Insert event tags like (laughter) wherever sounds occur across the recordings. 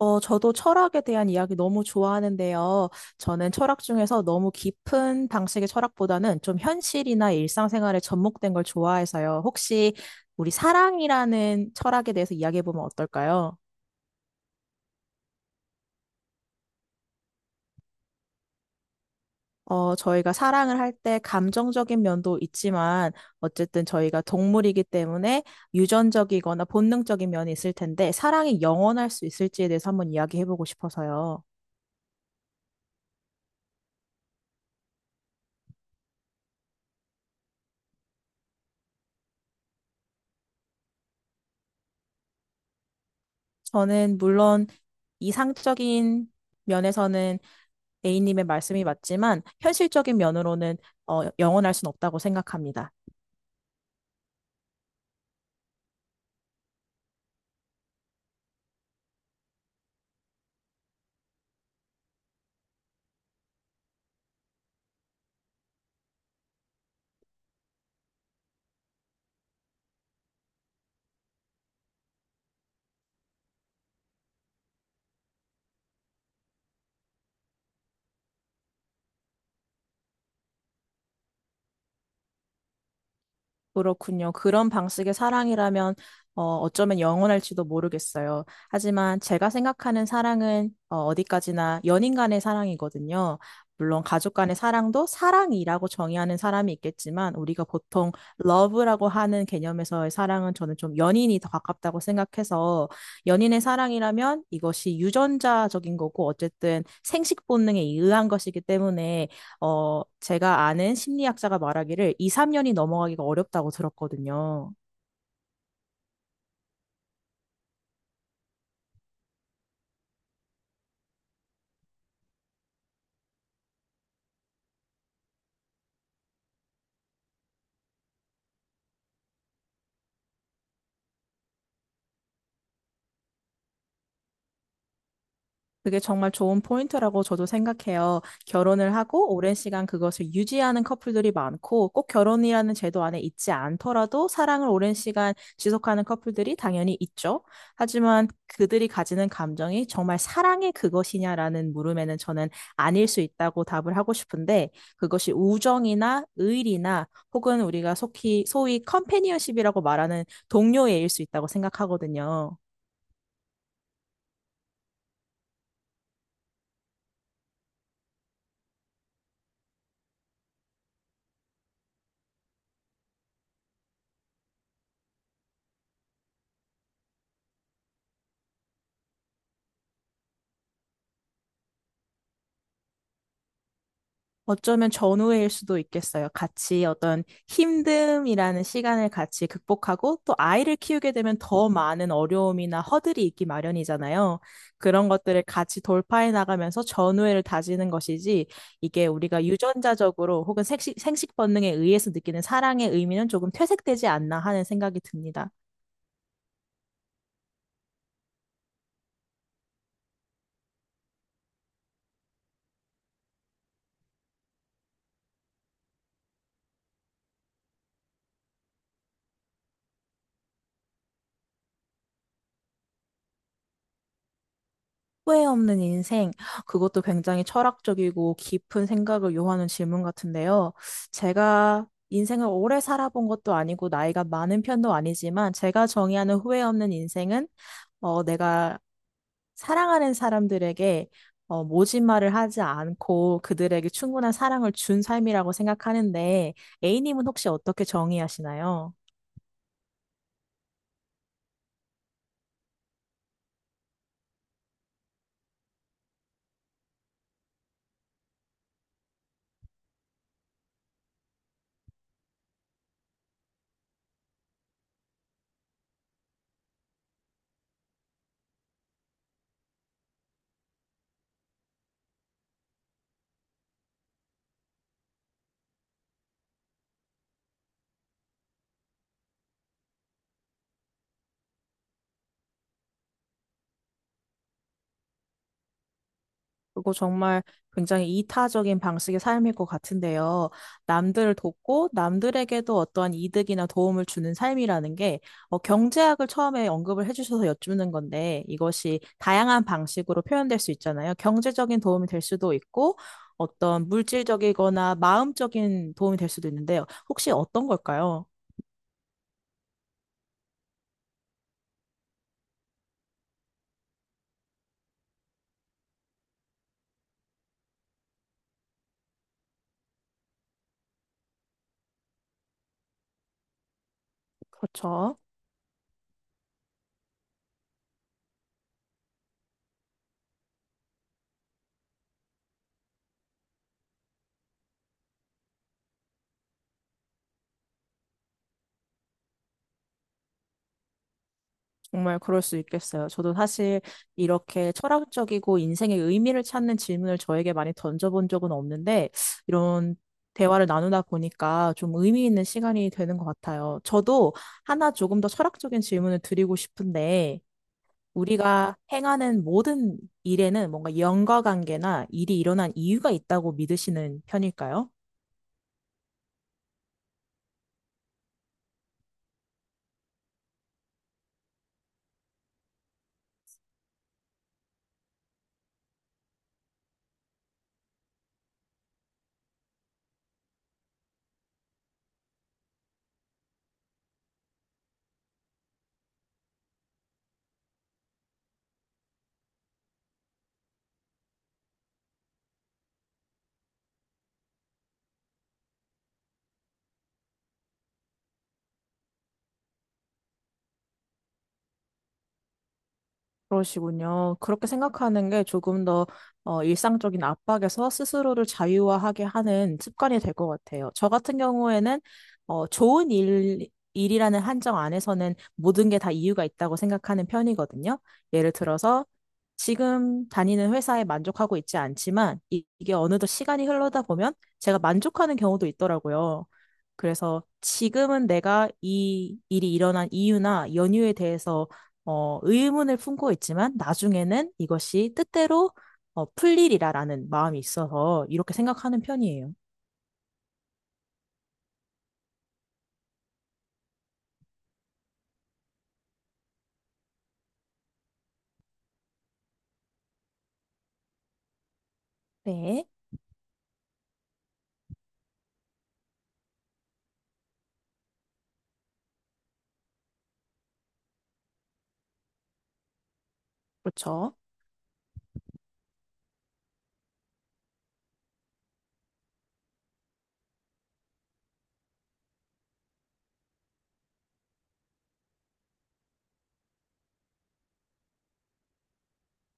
저도 철학에 대한 이야기 너무 좋아하는데요. 저는 철학 중에서 너무 깊은 방식의 철학보다는 좀 현실이나 일상생활에 접목된 걸 좋아해서요. 혹시 우리 사랑이라는 철학에 대해서 이야기해보면 어떨까요? 저희가 사랑을 할 때 감정적인 면도 있지만 어쨌든 저희가 동물이기 때문에 유전적이거나 본능적인 면이 있을 텐데 사랑이 영원할 수 있을지에 대해서 한번 이야기해보고 싶어서요. 저는 물론 이상적인 면에서는 A님의 말씀이 맞지만 현실적인 면으로는 영원할 순 없다고 생각합니다. 그렇군요. 그런 방식의 사랑이라면 어쩌면 영원할지도 모르겠어요. 하지만 제가 생각하는 사랑은 어디까지나 연인 간의 사랑이거든요. 물론 가족 간의 사랑도 사랑이라고 정의하는 사람이 있겠지만 우리가 보통 러브라고 하는 개념에서의 사랑은 저는 좀 연인이 더 가깝다고 생각해서 연인의 사랑이라면 이것이 유전자적인 거고 어쨌든 생식 본능에 의한 것이기 때문에 제가 아는 심리학자가 말하기를 2, 3년이 넘어가기가 어렵다고 들었거든요. 그게 정말 좋은 포인트라고 저도 생각해요. 결혼을 하고 오랜 시간 그것을 유지하는 커플들이 많고 꼭 결혼이라는 제도 안에 있지 않더라도 사랑을 오랜 시간 지속하는 커플들이 당연히 있죠. 하지만 그들이 가지는 감정이 정말 사랑의 그것이냐라는 물음에는 저는 아닐 수 있다고 답을 하고 싶은데 그것이 우정이나 의리나 혹은 우리가 속히 소위 컴패니언십이라고 말하는 동료애일 수 있다고 생각하거든요. 어쩌면 전우회일 수도 있겠어요. 같이 어떤 힘듦이라는 시간을 같이 극복하고 또 아이를 키우게 되면 더 많은 어려움이나 허들이 있기 마련이잖아요. 그런 것들을 같이 돌파해 나가면서 전우회를 다지는 것이지 이게 우리가 유전자적으로 혹은 생식 본능에 의해서 느끼는 사랑의 의미는 조금 퇴색되지 않나 하는 생각이 듭니다. 후회 없는 인생, 그것도 굉장히 철학적이고 깊은 생각을 요하는 질문 같은데요. 제가 인생을 오래 살아본 것도 아니고 나이가 많은 편도 아니지만 제가 정의하는 후회 없는 인생은 내가 사랑하는 사람들에게 모진 말을 하지 않고 그들에게 충분한 사랑을 준 삶이라고 생각하는데 A님은 혹시 어떻게 정의하시나요? 그거 정말 굉장히 이타적인 방식의 삶일 것 같은데요. 남들을 돕고 남들에게도 어떠한 이득이나 도움을 주는 삶이라는 게 경제학을 처음에 언급을 해주셔서 여쭙는 건데 이것이 다양한 방식으로 표현될 수 있잖아요. 경제적인 도움이 될 수도 있고 어떤 물질적이거나 마음적인 도움이 될 수도 있는데요. 혹시 어떤 걸까요? 그렇죠. 정말 그럴 수 있겠어요. 저도 사실 이렇게 철학적이고 인생의 의미를 찾는 질문을 저에게 많이 던져본 적은 없는데, 이런 대화를 나누다 보니까 좀 의미 있는 시간이 되는 것 같아요. 저도 하나 조금 더 철학적인 질문을 드리고 싶은데, 우리가 행하는 모든 일에는 뭔가 연과 관계나 일이 일어난 이유가 있다고 믿으시는 편일까요? 그러시군요. 그렇게 생각하는 게 조금 더 일상적인 압박에서 스스로를 자유화하게 하는 습관이 될 것 같아요. 저 같은 경우에는 좋은 일이라는 한정 안에서는 모든 게 다 이유가 있다고 생각하는 편이거든요. 예를 들어서 지금 다니는 회사에 만족하고 있지 않지만 이게 어느덧 시간이 흘러다 보면 제가 만족하는 경우도 있더라고요. 그래서 지금은 내가 이 일이 일어난 이유나 연유에 대해서 의문을 품고 있지만 나중에는 이것이 뜻대로 풀리리라라는 마음이 있어서 이렇게 생각하는 편이에요. 네, 그렇죠.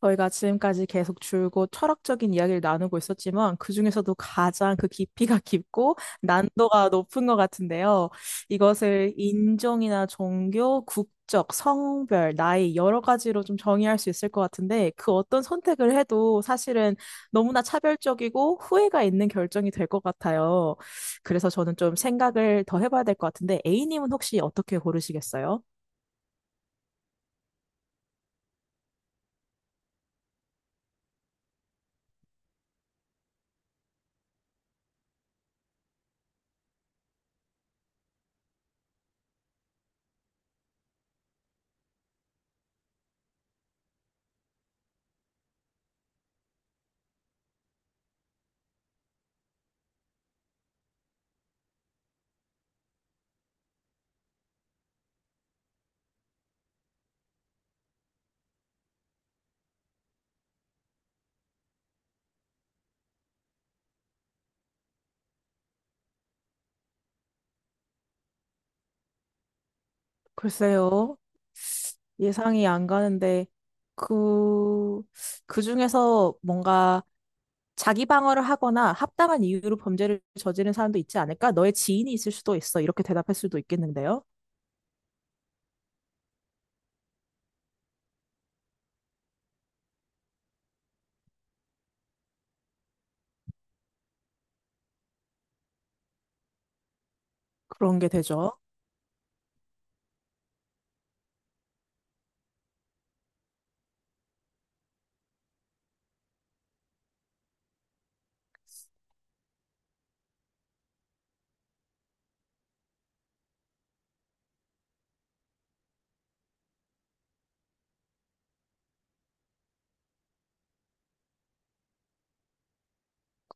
저희가 지금까지 계속 줄곧 철학적인 이야기를 나누고 있었지만 그중에서도 가장 그 깊이가 (laughs) 깊고 난도가 높은 것 같은데요. 이것을 인종이나 종교, 국적, 성별, 나이 여러 가지로 좀 정의할 수 있을 것 같은데 그 어떤 선택을 해도 사실은 너무나 차별적이고 후회가 있는 결정이 될 것 같아요. 그래서 저는 좀 생각을 더 해봐야 될 것 같은데, A님은 혹시 어떻게 고르시겠어요? 글쎄요. 예상이 안 가는데 그, 그 중에서 뭔가 자기 방어를 하거나 합당한 이유로 범죄를 저지른 사람도 있지 않을까? 너의 지인이 있을 수도 있어. 이렇게 대답할 수도 있겠는데요. 그런 게 되죠.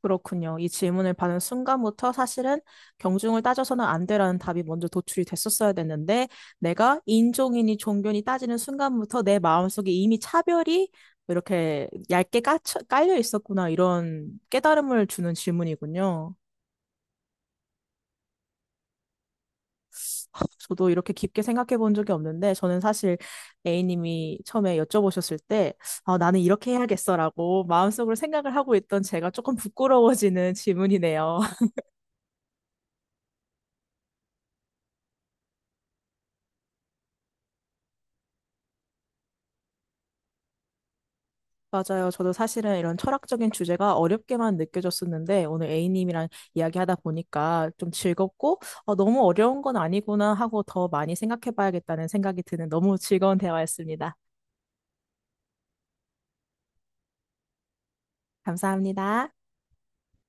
그렇군요. 이 질문을 받은 순간부터 사실은 경중을 따져서는 안 되라는 답이 먼저 도출이 됐었어야 됐는데 내가 인종이니 종교니 따지는 순간부터 내 마음속에 이미 차별이 이렇게 얇게 깔려 있었구나 이런 깨달음을 주는 질문이군요. 저도 이렇게 깊게 생각해 본 적이 없는데 저는 사실 A님이 처음에 여쭤보셨을 때 아, 나는 이렇게 해야겠어라고 마음속으로 생각을 하고 있던 제가 조금 부끄러워지는 질문이네요. 맞아요. 저도 사실은 이런 철학적인 주제가 어렵게만 느껴졌었는데 오늘 A님이랑 이야기하다 보니까 좀 즐겁고 너무 어려운 건 아니구나 하고 더 많이 생각해 봐야겠다는 생각이 드는 너무 즐거운 대화였습니다. 감사합니다.